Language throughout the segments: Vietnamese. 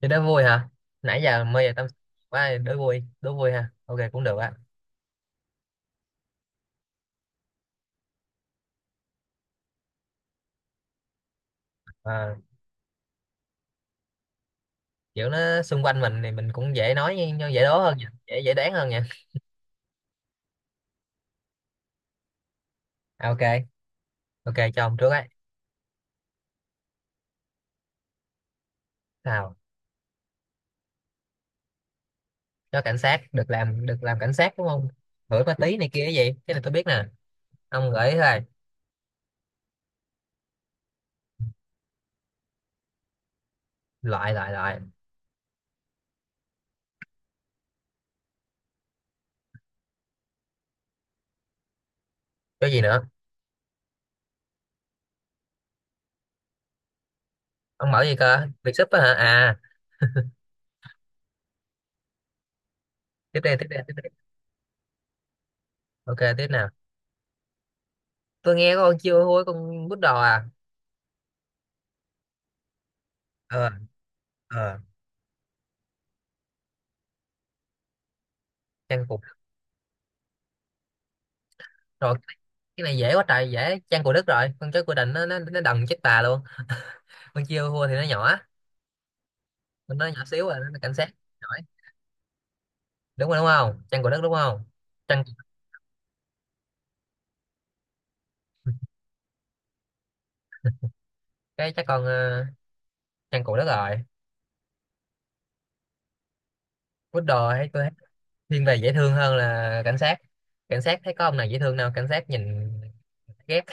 Thì đố vui hả? Nãy giờ mê về tâm sự quá đố vui ha. Ok cũng được á. Ờ, Kiểu nó xung quanh mình thì mình cũng dễ nói nhưng dễ đố hơn nha, dễ dễ đoán hơn nha. À, ok, ok cho ông trước ấy. Nào, cho cảnh sát được làm cảnh sát đúng không? Gửi ma tí này kia cái gì? Cái này tôi biết nè. Ông gửi thôi. Loại loại loại. Cái gì nữa? Ông mở gì cơ? Việc súp á hả? À, tiếp đây tiếp đây tiếp đây. Ok tiếp nào. Tôi nghe có con chiêu hôi con bút đò à. Ờ, ờ. Trang phục rồi cái này dễ quá trời dễ chăn của Đức rồi con chó của Định nó đần chết bà luôn. Con chiêu hua thì nó nhỏ, con nó nhỏ xíu rồi nó cảnh sát giỏi. Đúng rồi, đúng không? Chăn của Đức đúng không? Chăn, cái chắc chăn của Đức rồi. Quýt đồ hay tôi thấy thiên về dễ thương hơn là cảnh sát. Cảnh sát thấy có ông nào dễ thương đâu, cảnh sát nhìn ghét.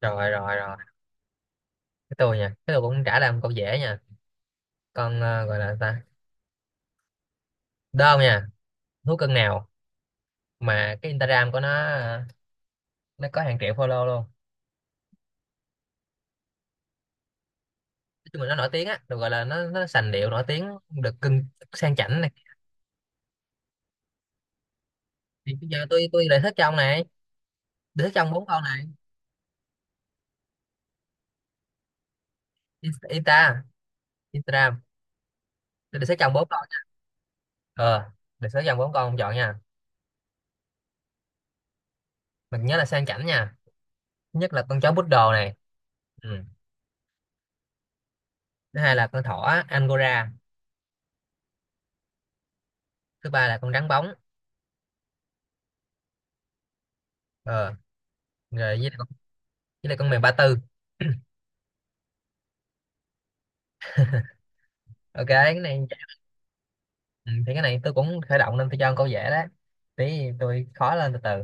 Rồi rồi rồi, cái tôi nha, cái tôi cũng trả làm câu dễ nha. Gọi là ta đơn nha. Thú cưng nào mà cái Instagram của nó nó có hàng triệu follow luôn. Nói chung là nó nổi tiếng á, được gọi là nó sành điệu nổi tiếng được cưng sang chảnh này. Thì bây giờ tôi đề xuất cho ông này, đề xuất cho ông bốn con này. Insta, Instagram. Tôi đề xuất cho ông bốn con nha. Ờ, đề xuất cho ông bốn con ông chọn nha. Mình nhớ là sang chảnh nha. Thứ nhất là con chó poodle này. Ừ. Thứ hai là con thỏ Angora. Thứ ba là con rắn bóng. Ờ, rồi với lại con mèo Ba Tư. Ok cái này. Ừ, thì cái này tôi cũng khởi động nên tôi cho con câu dễ đó. Tí tôi khó lên từ từ.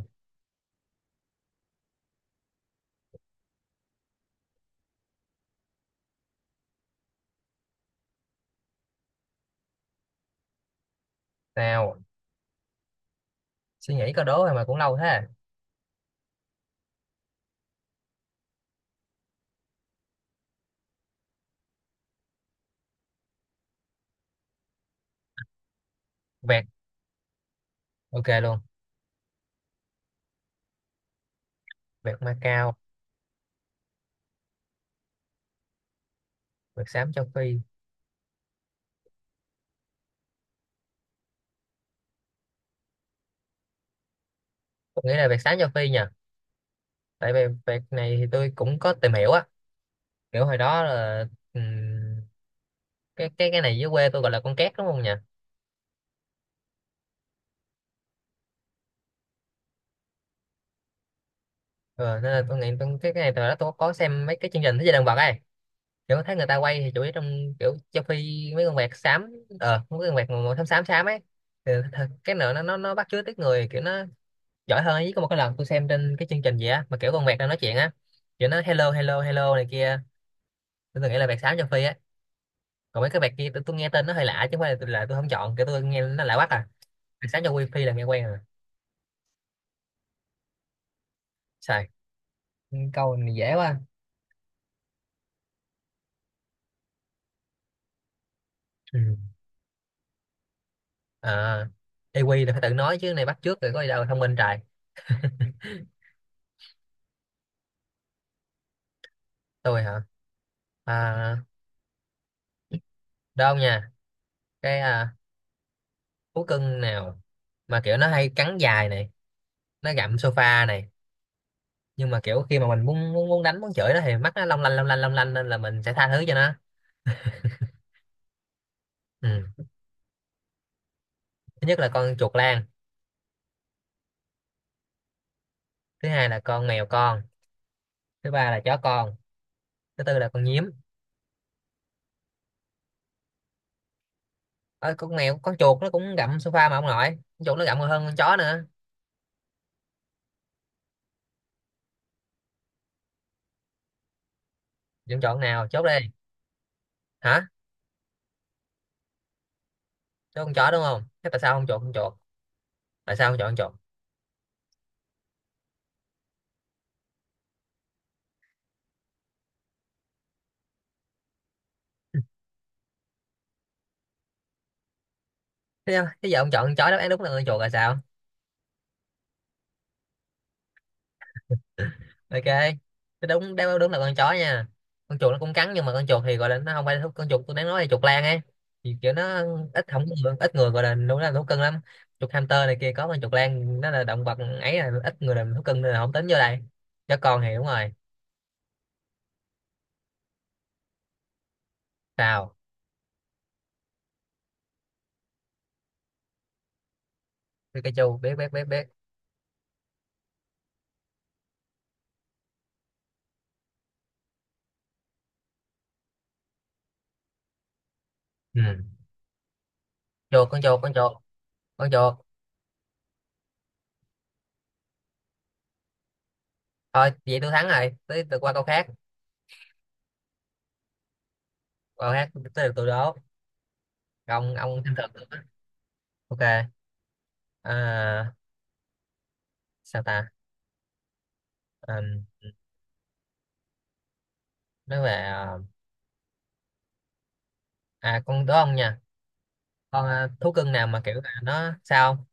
Nào, suy nghĩ câu đố rồi mà cũng lâu thế à. Vẹt, ok luôn. Vẹt Macau. Vẹt Xám Châu Phi. Tôi nghĩ là vẹt Xám Châu Phi nhỉ? Tại vì vẹt này thì tôi cũng có tìm hiểu á, kiểu hồi đó là ừm, cái này dưới quê tôi gọi là con két đúng không nhỉ? Ừ, nên là tôi nghĩ tôi, cái này từ đó tôi có xem mấy cái chương trình thế giới động vật ấy, kiểu thấy người ta quay thì chủ yếu trong kiểu Châu Phi mấy con vẹt xám. Ờ mấy con vẹt màu xám xám xám ấy thì, thật- cái nữa nó bắt chước tiếng người kiểu nó giỏi hơn ấy. Có một cái lần tôi xem trên cái chương trình gì á mà kiểu con vẹt đang nói chuyện á, kiểu nó hello hello hello này kia. Tôi từng nghĩ là vẹt xám châu Phi á. Còn mấy cái vẹt kia tôi nghe tên nó hơi lạ chứ không phải là tôi không chọn, kiểu tôi nghe nó lạ quá à. Sáng cho wifi là nghe quen rồi, xài. Câu này dễ quá. Ừ. À, EQ là phải tự nói chứ này bắt chước rồi có gì đâu thông minh trời. Tôi hả? À, đâu nha. cái à, Thú cưng nào mà kiểu nó hay cắn dài này, nó gặm sofa này, nhưng mà kiểu khi mà mình muốn muốn muốn đánh muốn chửi nó thì mắt nó long lanh long lanh nên là mình sẽ tha thứ cho nó. Ừ. Thứ nhất là con chuột lang. Thứ hai là con mèo con. Thứ ba là chó con. Thứ tư là con nhím. Ờ, con mèo con chuột nó cũng gặm sofa mà ông nội, con chuột nó gặm còn hơn con chó nữa. Dân chọn nào chốt đây. Hả, chốt con chó đúng không, thế tại sao không chọn con chuột? Tại sao không chọn con chuột? Thế, thế giờ ông chọn con chó đáp án đúng là con chuột là sao. Ok, thế đúng đáp án đúng là con chó nha. Con chuột nó cũng cắn nhưng mà con chuột thì gọi là nó không phải thú- con chuột tôi đang nói là chuột lang ấy, thì kiểu nó ít không có người, ít người gọi là đúng là thú cưng lắm. Chuột hamster này kia có con chuột lang nó là động vật ấy, là ít người làm thú cưng nên là không tính vô đây. Chó con thì đúng rồi. Sao? Biết cái chu, biết biết. Ừ, chuột con chuột con chuột con chuột. Thôi vậy tôi thắng rồi, tới tôi qua câu khác. Câu khác tới được tôi đố. Ông thắng thật. Ok. À, sao ta? À, nói về à, à, con đố ông nha. Con à, thú cưng nào mà kiểu là nó sao không?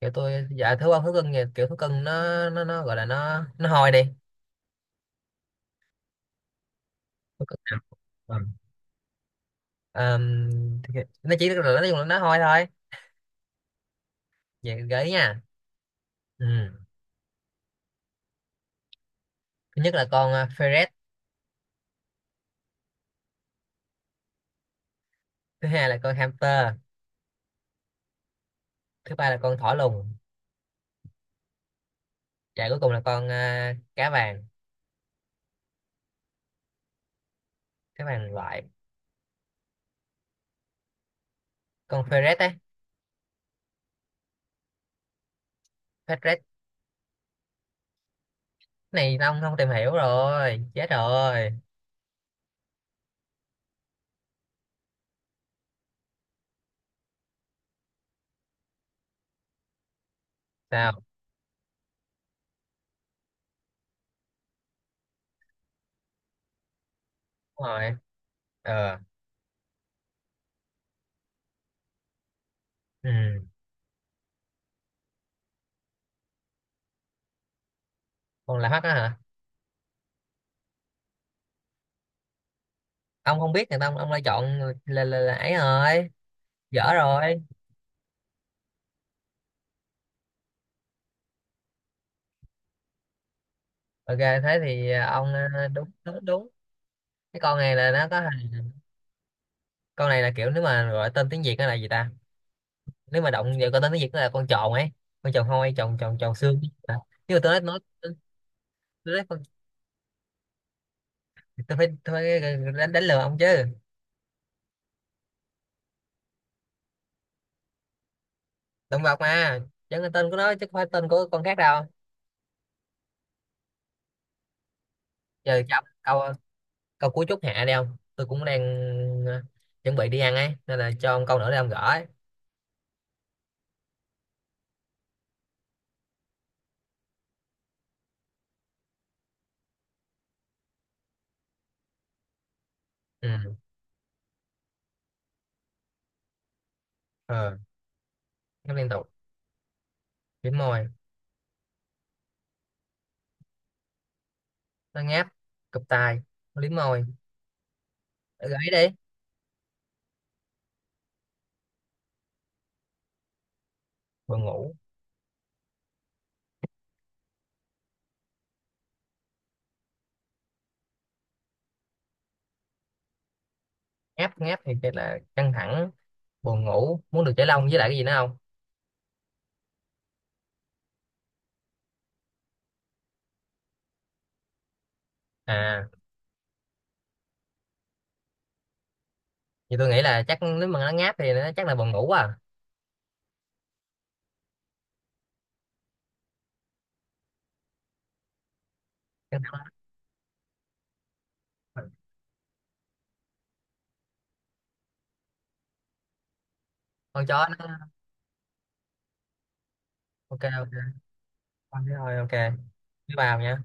Kiểu tôi dạ thú ông thú cưng thì kiểu thú cưng nó gọi là nó hôi đi. Thú cưng nào. Ừ. Ờm, thì- nó chỉ là nó dùng là nó hôi thôi. Vậy gợi ý nha. Ừ. Thứ nhất là ferret. Thứ hai là con hamster. Thứ ba là con thỏ lùn. Dạ cuối cùng là cá vàng loại. Con ferret ấy. Ferret. Này ông không tìm hiểu rồi, chết rồi. Sao? Đúng rồi. Ờ. Ừ. Con là hắc á hả? Ông không biết người ta ông lại chọn là ấy rồi, dở rồi. Ok, thế thì à, ông à, đúng đúng đúng. Cái con này là nó có hình- con này là kiểu nếu mà gọi tên tiếng Việt nó là gì ta? Nếu mà động vào con tên tiếng Việt nó là con tròn ấy, con tròn hôi, tròn tròn tròn xương. Ờ, nhưng mà tôi nói tôi nói con, tôi phải đánh đánh lừa ông chứ. Động vật mà, chẳng là tên của nó chứ không phải tên của con khác đâu. Giờ cho ông câu, câu cuối chút hạ đi ông, tôi cũng đang ờ, chuẩn bị đi ăn ấy nên là cho ông câu nữa để ông gỡ ấy. Ừ. Ờ, nó liên tục liếm môi, nó ngáp, cụp tai, nó liếm môi. Ờ, gãy đi. Buồn ngủ. Ngáp ngáp thì chắc là căng thẳng, buồn ngủ, muốn được giải lông với lại cái gì nữa không? À, thì tôi nghĩ là chắc nếu mà nó ngáp thì nó chắc là buồn ngủ à. Căng thẳng lắm. Con chó nó ok ok. Con thấy thôi ok. Bye bye nha.